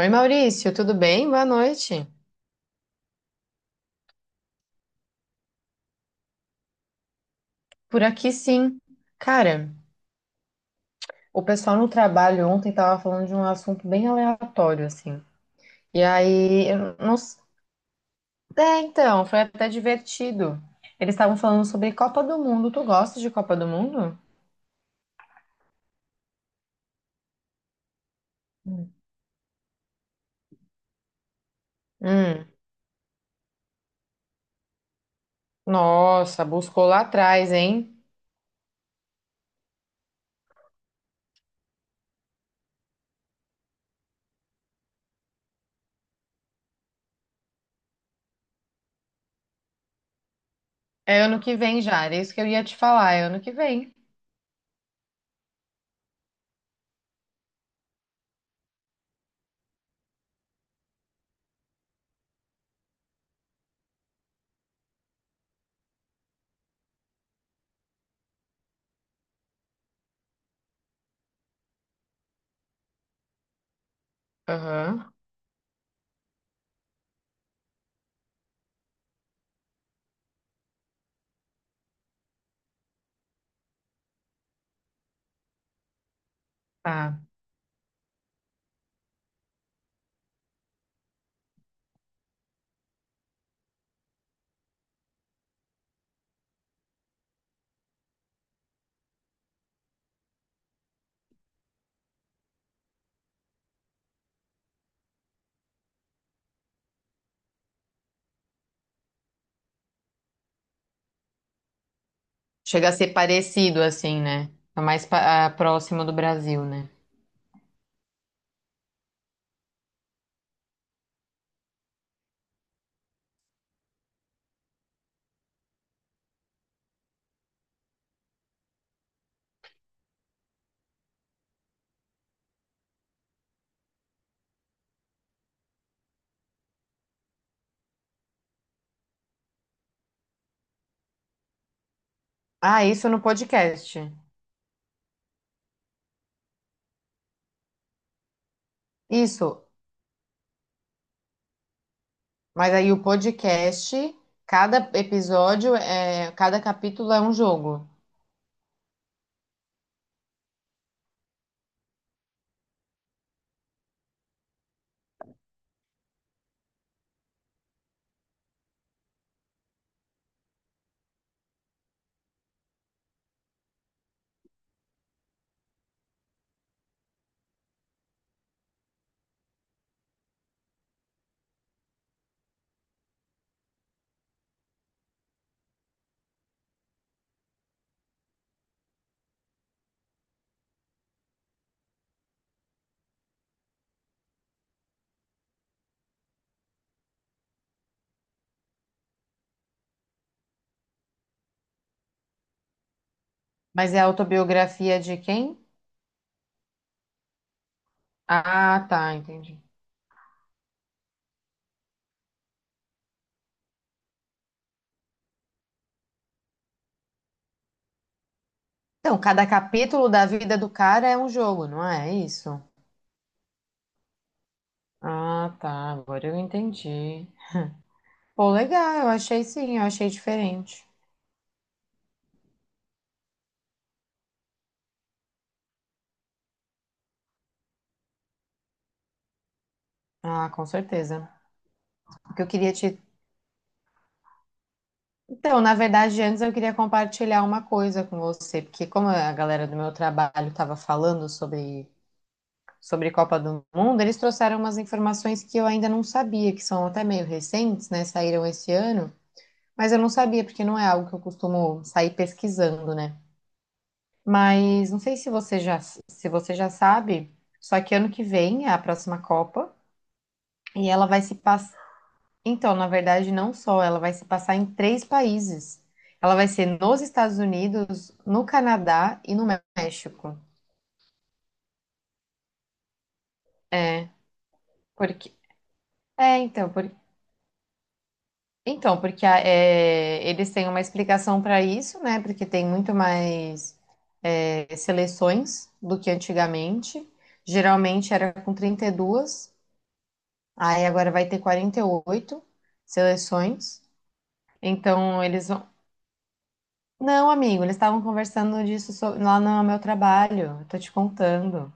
Oi, Maurício, tudo bem? Boa noite. Por aqui, sim. Cara, o pessoal no trabalho ontem tava falando de um assunto bem aleatório, assim. E aí, eu não... É, então, foi até divertido. Eles estavam falando sobre Copa do Mundo. Tu gosta de Copa do Mundo? Hum. Hum. Nossa, buscou lá atrás, hein? É ano que vem já, era isso que eu ia te falar, é ano que vem. Aham. Tá. Chega a ser parecido, assim, né? Tá mais próximo do Brasil, né? Ah, isso no podcast. Isso. Mas aí o podcast, cada episódio, cada capítulo é um jogo. Mas é a autobiografia de quem? Ah, tá, entendi. Então, cada capítulo da vida do cara é um jogo, não é isso? Ah, tá, agora eu entendi. Pô, legal, eu achei sim, eu achei diferente. Ah, com certeza. Porque eu queria te. Então, na verdade, antes eu queria compartilhar uma coisa com você, porque como a galera do meu trabalho estava falando sobre Copa do Mundo, eles trouxeram umas informações que eu ainda não sabia, que são até meio recentes, né? Saíram esse ano, mas eu não sabia, porque não é algo que eu costumo sair pesquisando, né? Mas não sei se se você já sabe, só que ano que vem é a próxima Copa e ela vai se passar. Então, na verdade, não só, ela vai se passar em três países. Ela vai ser nos Estados Unidos, no Canadá e no México. É, porque. É, então, por- Então, porque eles têm uma explicação para isso, né? Porque tem muito mais seleções do que antigamente. Geralmente era com 32, aí agora vai ter 48 seleções. Então, eles vão. Não, amigo, eles estavam conversando disso lá no meu trabalho, eu tô te contando.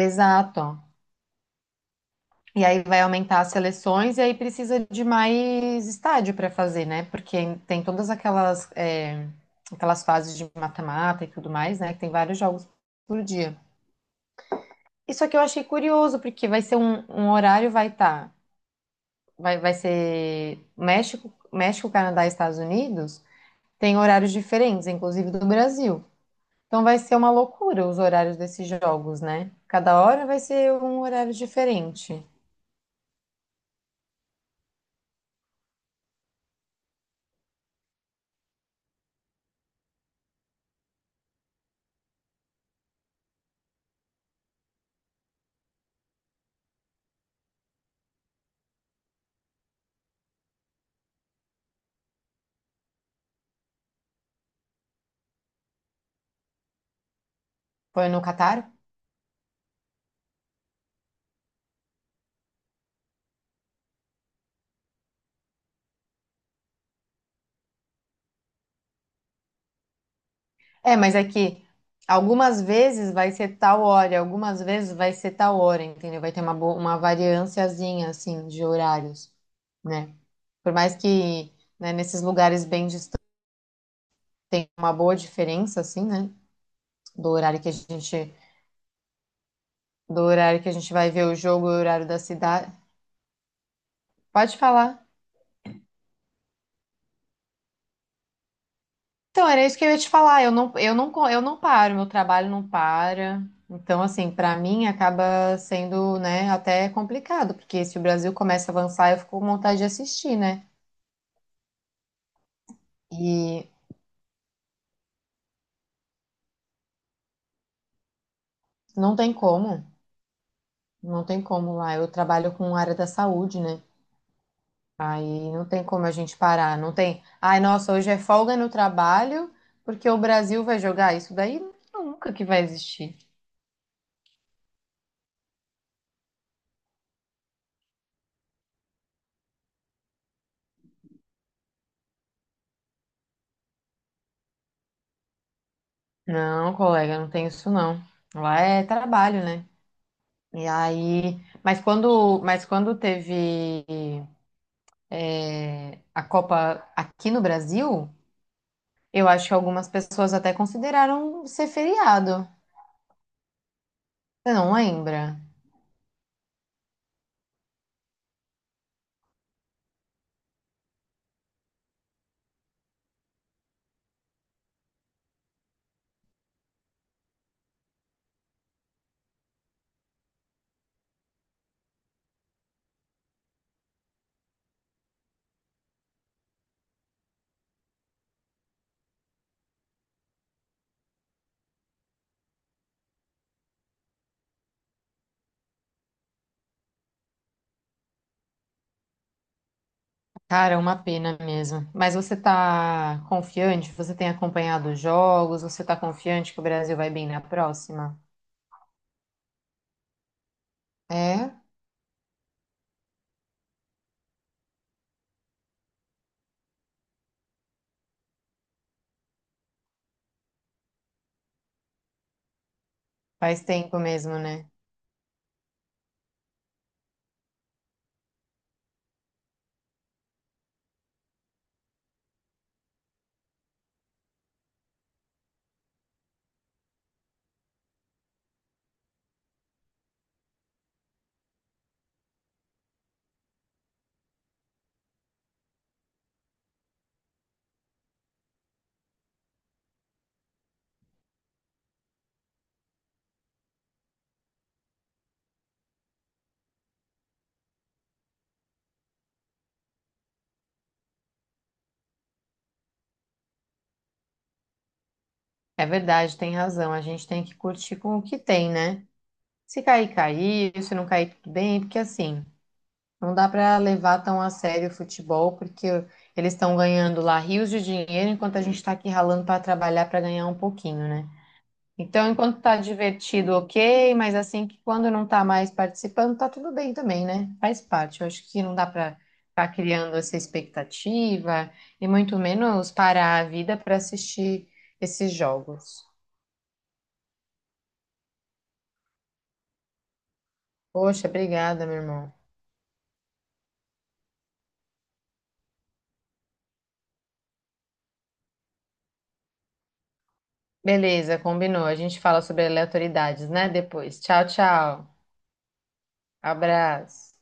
Exato. E aí vai aumentar as seleções e aí precisa de mais estádio para fazer, né? Porque tem todas aquelas fases de mata-mata e tudo mais, né? Que tem vários jogos por dia. Isso aqui eu achei curioso, porque vai um horário, vai estar. Vai ser México, Canadá e Estados Unidos, tem horários diferentes, inclusive do Brasil. Então vai ser uma loucura os horários desses jogos, né? Cada hora vai ser um horário diferente. Foi no Catar? É, mas é que algumas vezes vai ser tal hora, algumas vezes vai ser tal hora, entendeu? Vai ter uma variânciazinha, assim, de horários, né? Por mais que, né, nesses lugares bem distantes tem uma boa diferença, assim, né? Do horário que a gente, do horário que a gente vai ver o jogo e o horário da cidade. Pode falar. Então, era isso que eu ia te falar. Eu não paro, meu trabalho não para. Então, assim, para mim acaba sendo, né, até complicado, porque se o Brasil começa a avançar, eu fico com vontade de assistir, né? E não tem como, não tem como lá. Eu trabalho com área da saúde, né? Aí não tem como a gente parar, não tem. Ai, nossa, hoje é folga no trabalho, porque o Brasil vai jogar isso daí nunca que vai existir. Não, colega, não tem isso não. Lá é trabalho, né? E aí, mas quando teve a Copa aqui no Brasil, eu acho que algumas pessoas até consideraram ser feriado. Você não lembra? Cara, é uma pena mesmo. Mas você tá confiante? Você tem acompanhado os jogos? Você tá confiante que o Brasil vai bem na próxima? É, faz tempo mesmo, né? É verdade, tem razão. A gente tem que curtir com o que tem, né? Se cair, cair. Se não cair, tudo bem. Porque assim, não dá para levar tão a sério o futebol, porque eles estão ganhando lá rios de dinheiro, enquanto a gente está aqui ralando para trabalhar para ganhar um pouquinho, né? Então, enquanto tá divertido, ok, mas assim que quando não tá mais participando, tá tudo bem também, né? Faz parte. Eu acho que não dá para ficar criando essa expectativa e muito menos parar a vida para assistir esses jogos. Poxa, obrigada, meu irmão. Beleza, combinou. A gente fala sobre aleatoriedades, né? Depois. Tchau, tchau. Abraço.